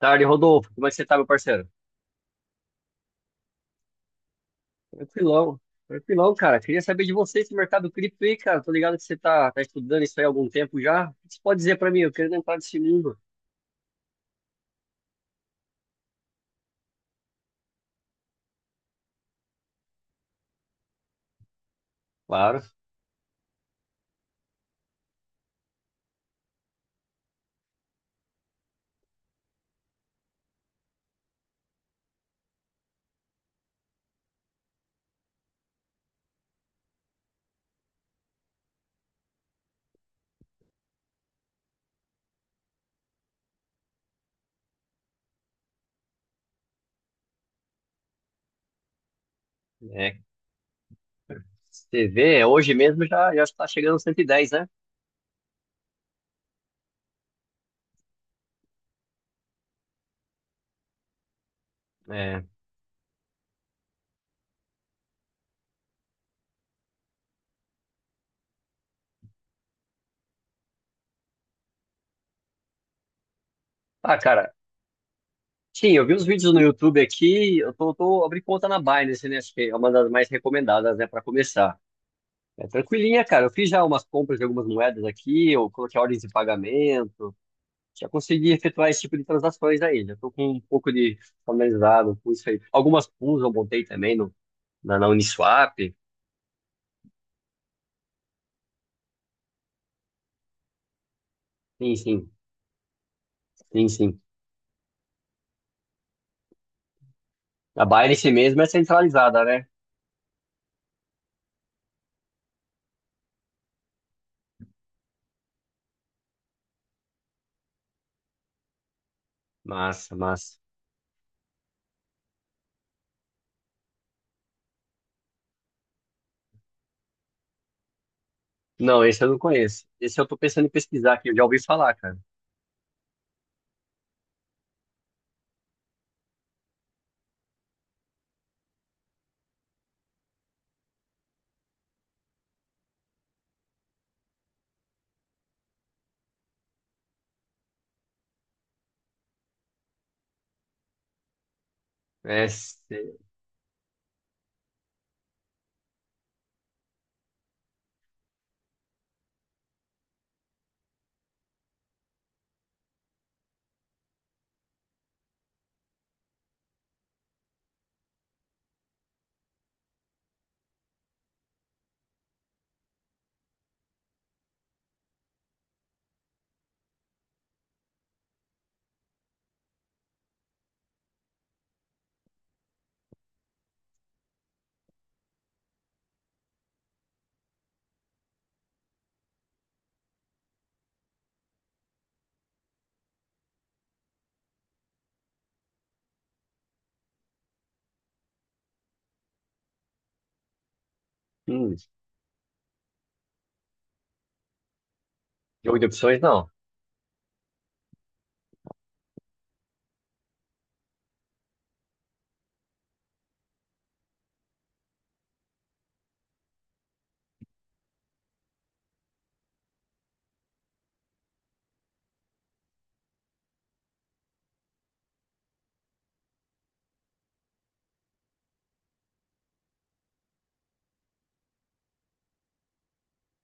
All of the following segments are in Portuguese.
Tarde, Rodolfo. Como é que você tá, meu parceiro? Tranquilão. Tranquilão, cara. Queria saber de você esse mercado cripto aí, cara. Tô ligado que você tá estudando isso aí há algum tempo já. O que você pode dizer pra mim? Eu quero entrar nesse mundo. Claro. É. Você vê, hoje mesmo já está chegando aos 110, né? É. Ah, cara. Sim, eu vi uns vídeos no YouTube aqui. Eu tô abrindo conta na Binance, né? Acho que é uma das mais recomendadas, né, pra começar. É tranquilinha, cara. Eu fiz já umas compras de algumas moedas aqui. Eu coloquei ordens de pagamento. Já consegui efetuar esse tipo de transações aí. Já estou com um pouco de familiarizado com isso aí. Algumas pools eu montei também no, na, na Uniswap. Sim, sim, sim, sim. A Binance mesmo é centralizada, né? Massa, massa. Não, esse eu não conheço. Esse eu tô pensando em pesquisar aqui, eu já ouvi falar, cara. É, se- hum, jogo de opções, não.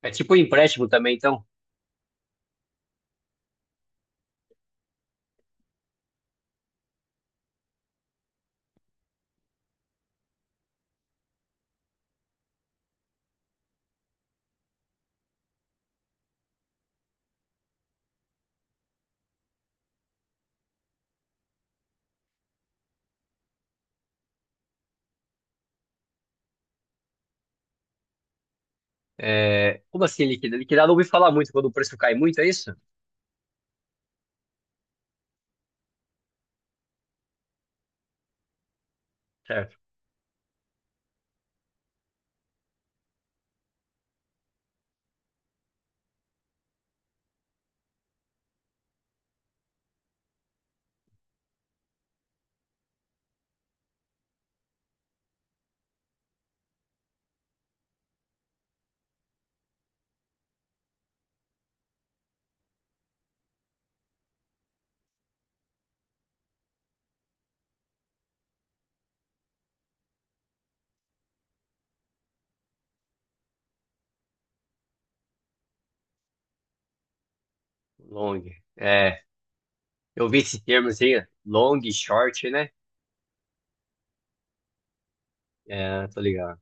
É tipo um empréstimo também, então. É, como assim liquidar? Liquidar eu não ouvi falar muito quando o preço cai muito, é isso? Certo. Long. É, eu vi esse termo assim, long, short, né? É, tô ligado.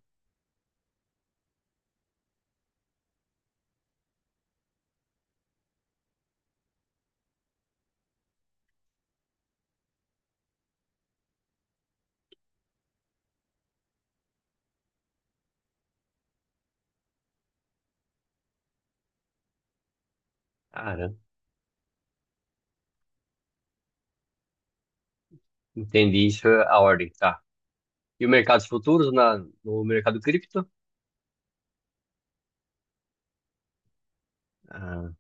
Cara, entendi isso, é a ordem, tá. E o mercado de futuros no mercado cripto? Ah,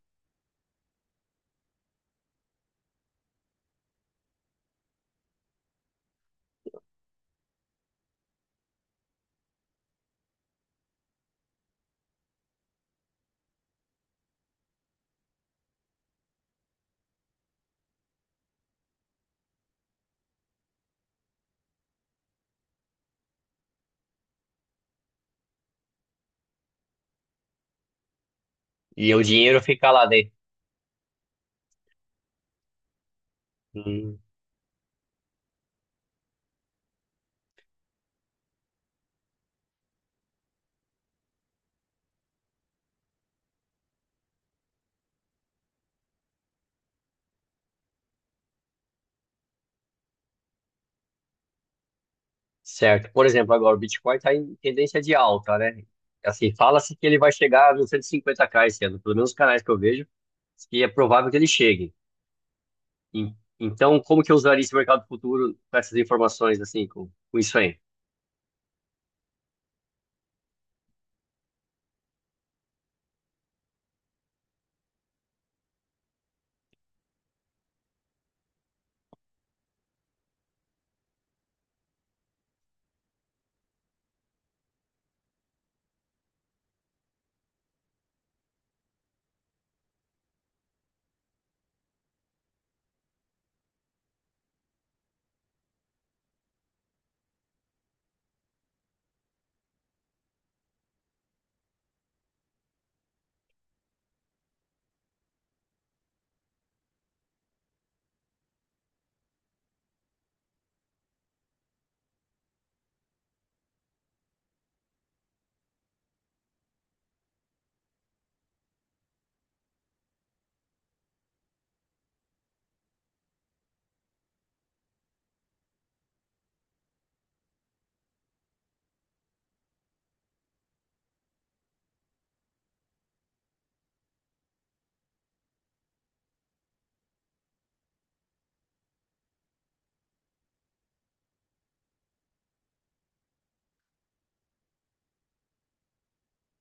e o dinheiro fica lá dentro. Hum, certo. Por exemplo, agora o Bitcoin está em tendência de alta, né? Assim, fala-se que ele vai chegar nos 150k esse ano, pelo menos os canais que eu vejo, que é provável que ele chegue. E- Então, como que eu usaria esse mercado futuro com essas informações, assim, com isso aí?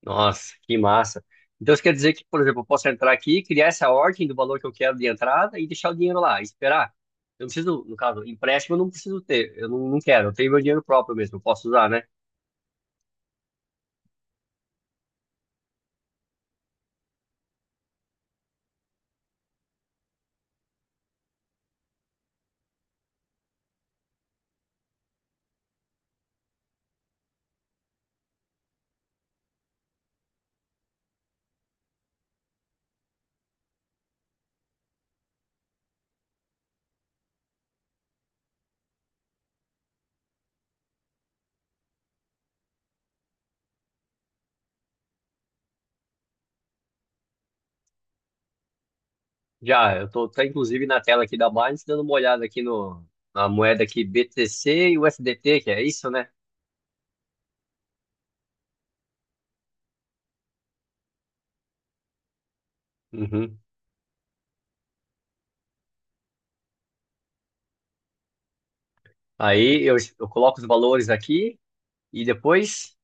Nossa, que massa. Então isso quer dizer que, por exemplo, eu posso entrar aqui, criar essa ordem do valor que eu quero de entrada e deixar o dinheiro lá, e esperar. Eu não preciso, no caso, empréstimo eu não preciso ter, eu não quero, eu tenho meu dinheiro próprio mesmo, eu posso usar, né? Já, tá inclusive na tela aqui da Binance dando uma olhada aqui no, na moeda aqui BTC e USDT, que é isso, né? Uhum. Aí eu coloco os valores aqui e depois.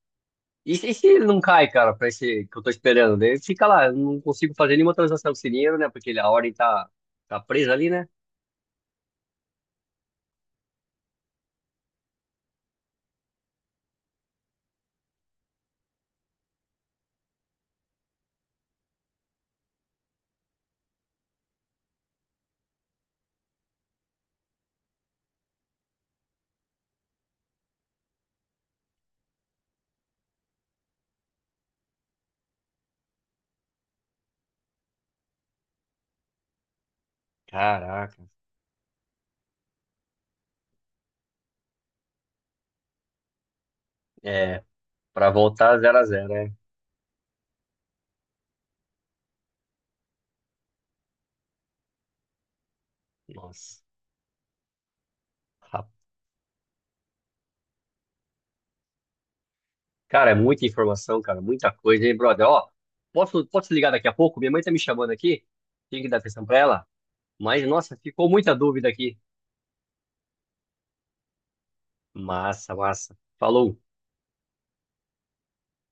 E se ele não cai, cara, pra esse que eu tô esperando? Daí fica lá, eu não consigo fazer nenhuma transação com esse dinheiro, né? Porque ele a ordem tá presa ali, né? Caraca. É, pra voltar zero a zero, né? Nossa. Rap- Cara, é muita informação, cara, muita coisa, hein, brother? Ó, posso te ligar daqui a pouco? Minha mãe tá me chamando aqui, tem que dar atenção pra ela. Mas, nossa, ficou muita dúvida aqui. Massa, massa. Falou.